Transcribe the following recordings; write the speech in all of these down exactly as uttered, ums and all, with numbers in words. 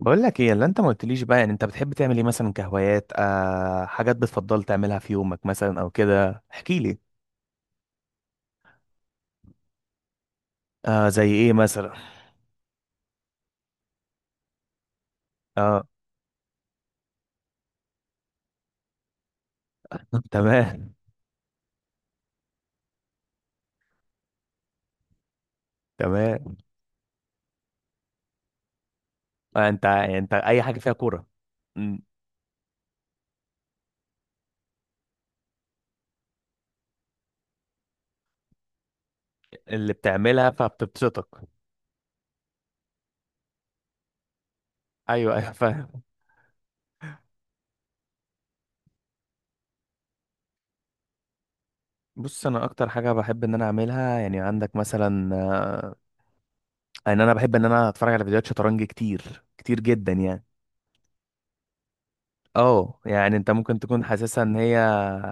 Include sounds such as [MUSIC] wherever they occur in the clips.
بقول لك ايه اللي انت ما قلتليش بقى؟ يعني انت بتحب تعمل ايه مثلا كهوايات؟ آه حاجات بتفضل تعملها في يومك مثلا او كده، احكي لي. آه، زي ايه مثلا؟ اه. [LAUGHS] تمام، تمام. آه، انت انت اي حاجه فيها كوره. م، اللي بتعملها فبتبسطك. ايوه، ايوه، فاهم. بص، انا اكتر حاجه بحب ان انا اعملها، يعني عندك مثلا آه، ان انا بحب ان انا اتفرج على فيديوهات شطرنج كتير كتير جدا، يعني اه. يعني انت ممكن تكون حاسسها ان هي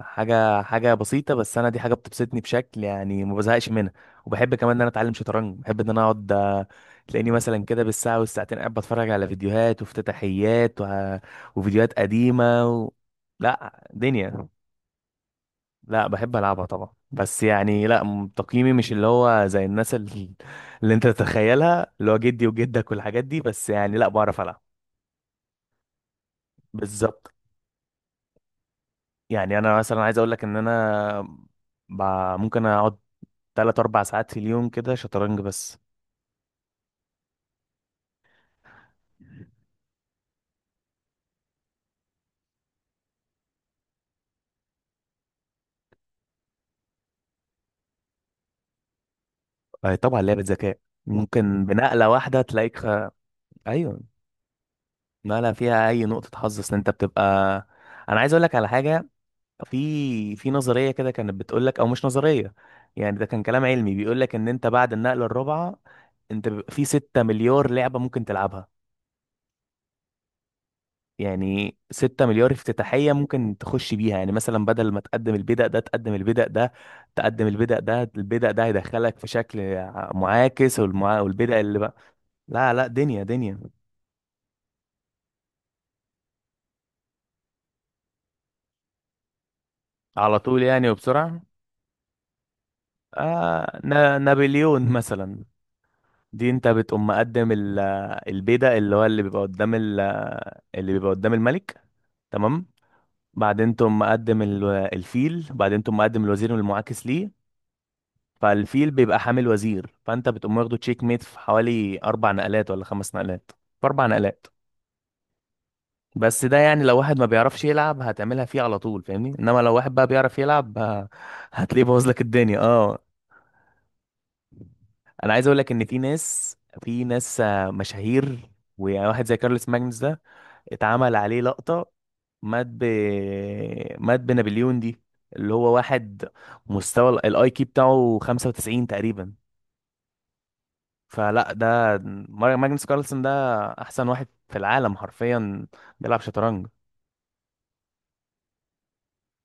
حاجه حاجه بسيطه، بس انا دي حاجه بتبسطني بشكل، يعني ما بزهقش منها. وبحب كمان ان انا اتعلم شطرنج، بحب ان انا اقعد آه، تلاقيني مثلا كده بالساعه والساعتين قاعد بتفرج على فيديوهات وافتتاحيات وه- وفيديوهات قديمه و... لا دنيا. لا، بحب العبها طبعا، بس يعني لا م- تقييمي مش اللي هو زي الناس ال- اللي انت تتخيلها، اللي هو جدي وجدك والحاجات دي، بس يعني لا، بعرف العب. بالظبط. يعني انا مثلا عايز اقول لك ان انا ب... ممكن اقعد ثلاثة 4 ساعات في اليوم كده شطرنج بس. آه، طبعا لعبة ذكاء، ممكن بنقلة واحدة تلاقيك خ... ايوه، نقلة فيها اي نقطة حظ، اصل انت بتبقى، انا عايز اقول لك على حاجة، في في نظرية كده كانت بتقول لك، او مش نظرية، يعني ده كان كلام علمي بيقول لك ان انت بعد النقلة الرابعة انت بيبقى في 6 مليار لعبة ممكن تلعبها، يعني 6 مليار افتتاحية ممكن تخش بيها. يعني مثلا بدل ما تقدم البدأ ده، تقدم البدأ ده، تقدم البدأ ده، البدأ ده هيدخلك في شكل معاكس، والمع... والبدأ اللي بقى. لا لا، دنيا دنيا. على طول يعني، وبسرعة. آه ن... نابليون مثلا. دي انت بتقوم مقدم ال... البدأ اللي هو اللي بيبقى قدام ال... اللي بيبقى قدام الملك، تمام. بعدين تقوم مقدم ال... الفيل، بعدين تقوم مقدم الوزير المعاكس ليه، فالفيل بيبقى حامل وزير، فانت بتقوم واخده تشيك ميت في حوالي اربع نقلات ولا خمس نقلات. في اربع نقلات. بس ده يعني لو واحد ما بيعرفش يلعب هتعملها فيه على طول، فاهمني، انما لو واحد بقى بيعرف يلعب ه- هتلاقيه بوظ لك الدنيا، اه. انا عايز اقول لك ان في ناس، في ناس آه، مشاهير، وواحد زي كارلوس ماجنس ده اتعمل عليه لقطة، مات ب مات بنابليون دي، اللي هو واحد مستوى الاي كيو بتاعه خمسه وتسعين تقريبا. فلا، ده مار- ماجنس كارلسن ده احسن واحد في العالم حرفيا بيلعب شطرنج.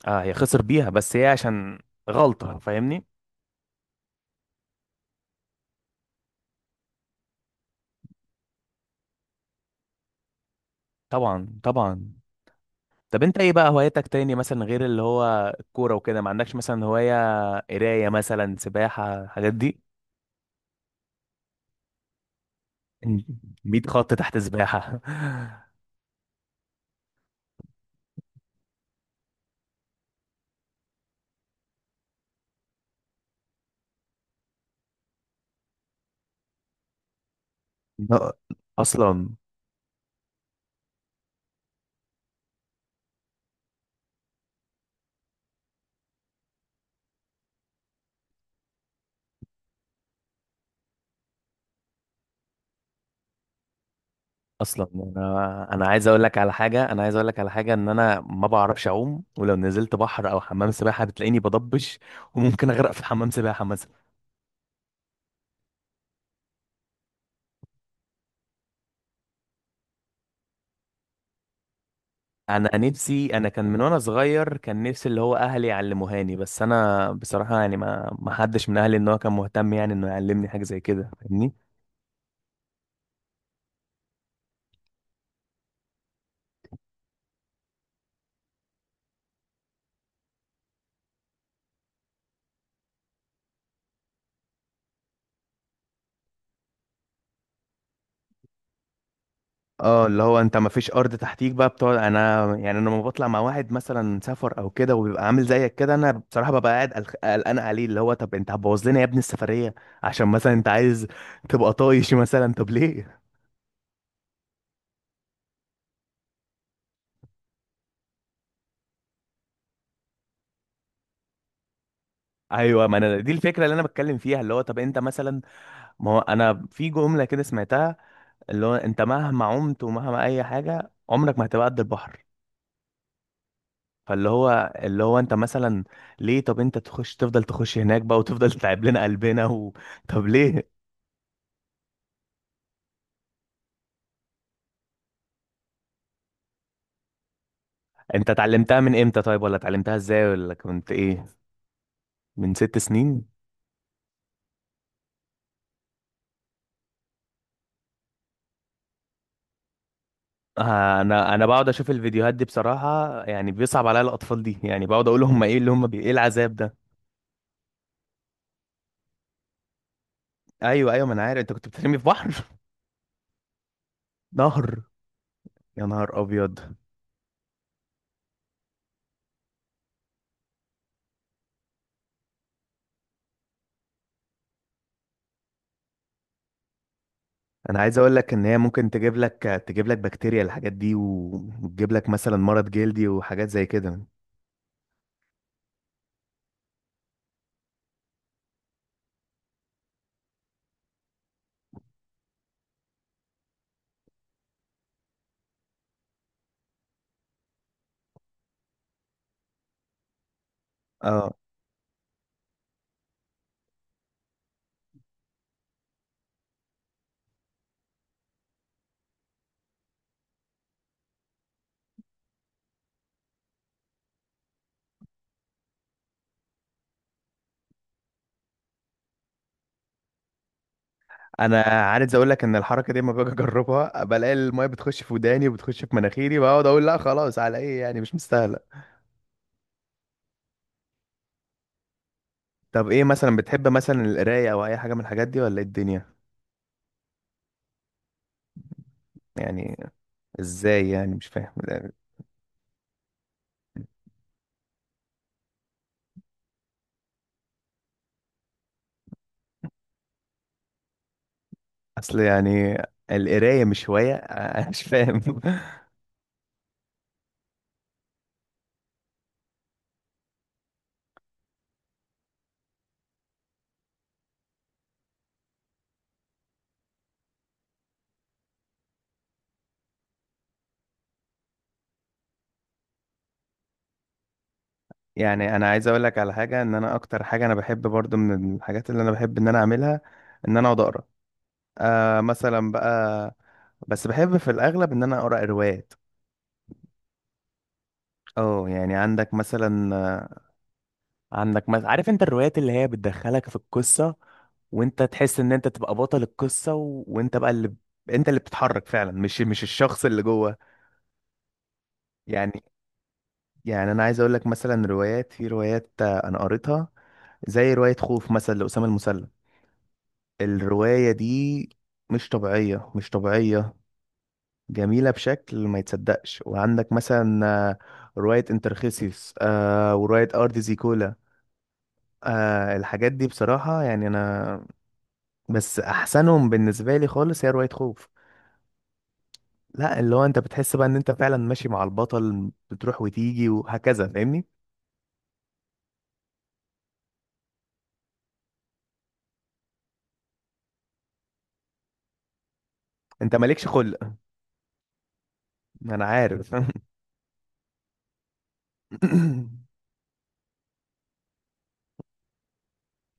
اه، هي خسر بيها، بس هي عشان غلطة، فاهمني. طبعا، طبعا. طب انت ايه بقى هوايتك تاني، مثلا غير اللي هو الكورة وكده؟ ما عندكش مثلا هواية قراية مثلا، سباحة، الحاجات دي؟ مية خط تحت سباحة. [LAUGHS] لا، اصلا، اصلا، انا انا عايز اقول لك على حاجه، انا عايز اقول لك على حاجه، ان انا ما بعرفش اعوم، ولو نزلت بحر او حمام سباحه بتلاقيني بضبش، وممكن اغرق في حمام سباحه مثلا. انا نفسي، انا كان من وانا صغير كان نفسي اللي هو اهلي يعلموهاني، بس انا بصراحه يعني ما ما حدش من اهلي ان هو كان مهتم يعني انه يعلمني حاجه زي كده، فاهمني. اه، اللي هو انت ما فيش ارض تحتيك بقى بتقعد، انا يعني انا لما بطلع مع واحد مثلا سفر او كده وبيبقى عامل زيك كده، انا بصراحه ببقى قاعد قلق- قلقان عليه، اللي هو طب انت هتبوظ لنا يا ابني السفريه؟ عشان مثلا انت عايز تبقى طايش مثلا، طب ليه؟ ايوه، ما انا دي الفكره اللي انا بتكلم فيها، اللي هو طب انت مثلا، ما هو انا في جمله كده سمعتها، اللي هو انت مهما عمت ومهما اي حاجه عمرك ما هتبقى قد البحر. فاللي هو اللي هو انت مثلا ليه؟ طب انت تخش، تفضل تخش هناك بقى، وتفضل [LAUGHS] تتعب لنا قلبنا و... طب ليه؟ انت اتعلمتها من امتى طيب؟ ولا اتعلمتها ازاي؟ ولا كنت ايه؟ من ست سنين. آه، انا انا بقعد اشوف الفيديوهات دي بصراحة، يعني بيصعب عليا الاطفال دي، يعني بقعد اقول هم ايه اللي هم بي... ايه العذاب ده. ايوه، ايوه، ما انا عارف انت كنت بترمي في بحر. [LAUGHS] نهر. يا نهار ابيض. انا عايز اقول لك ان هي ممكن تجيب لك، تجيب لك بكتيريا، الحاجات دي، و- وتجيب لك مثلا مرض جلدي وحاجات زي كده. اه، انا عايز اقول لك ان الحركه دي لما باجي اجربها بلاقي الميه بتخش في وداني وبتخش في مناخيري، بقعد اقول لا خلاص، على ايه يعني؟ مش مستاهله. طب ايه مثلا بتحب؟ مثلا القرايه او اي حاجه من الحاجات دي، ولا ايه الدنيا؟ يعني ازاي يعني؟ مش فاهم. اصل يعني القرايه مش هوايه؟ [LAUGHS] انا مش فاهم. [LAUGHS] يعني انا عايز اقول لك على حاجه، ان انا اكتر حاجه انا بحب برضو من الحاجات اللي انا بحب ان انا اعملها، ان انا اقعد اقرا آه، مثلا بقى، بس بحب في الاغلب ان انا اقرا روايات. اه، يعني عندك مثلا، عندك مثلا عارف انت الروايات اللي هي بتدخلك في القصة، وانت تحس ان انت تبقى بطل القصة و... وانت بقى اللي، انت اللي بتتحرك فعلا، مش مش الشخص اللي جوه، يعني. يعني انا عايز اقول لك مثلا، روايات، في روايات آه، انا قريتها زي رواية خوف مثلا لأسامة المسلم. الرواية دي مش طبيعية، مش طبيعية، جميلة بشكل ما يتصدقش. وعندك مثلا آه، رواية انترخيسيوس، آه ورواية ارض زيكولا، آه الحاجات دي بصراحة، يعني أنا بس احسنهم بالنسبه لي خالص هي روايه خوف. لا، اللي هو انت بتحس بقى ان انت فعلا ماشي مع البطل، بتروح وتيجي وهكذا، فاهمني. انت مالكش خلق، انا عارف. [LAUGHS]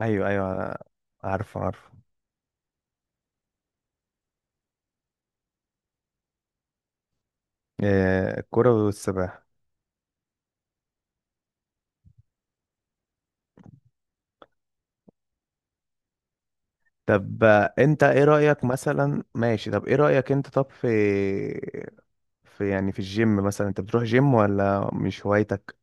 ايوه، ايوه، عارف، عارف. آه، الكرة والسباحة. طب آه، انت ايه رأيك مثلا؟ ماشي، طب ايه رأيك انت؟ طب في، في يعني في الجيم مثلا، انت بتروح جيم ولا مش هوايتك؟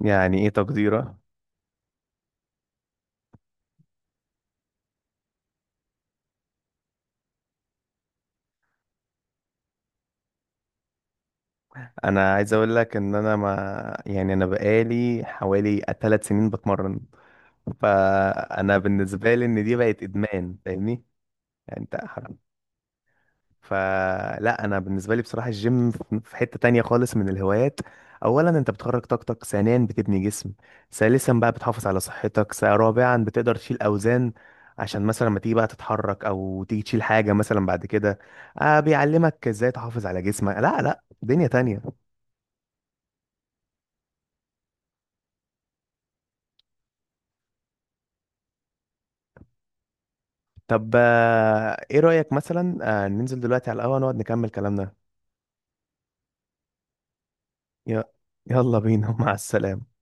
يعني ايه تقديرك؟ انا عايز اقول لك ان انا، ما يعني انا بقالي حوالي ثلاث سنين بتمرن، فانا بالنسبه لي ان دي بقت ادمان، فاهمني. يعني انت حر- فلا، انا بالنسبه لي بصراحه الجيم في في حته تانية خالص من الهوايات. اولا، انت بتخرج طاقتك، ثانيا، بتبني جسم، ثالثا بقى بتحافظ على صحتك، س- رابعا، بتقدر تشيل اوزان، عشان مثلا لما تيجي بقى تتحرك، او تيجي تشيل حاجه مثلا بعد كده، آه بيعلمك ازاي تحافظ على جسمك. لا لا، دنيا تانية. طب آه، ايه رأيك مثلا، آه، ننزل دلوقتي على القهوة نقعد نكمل كلامنا؟ ي- يلا بينا. [LAUGHS] مع السلامة.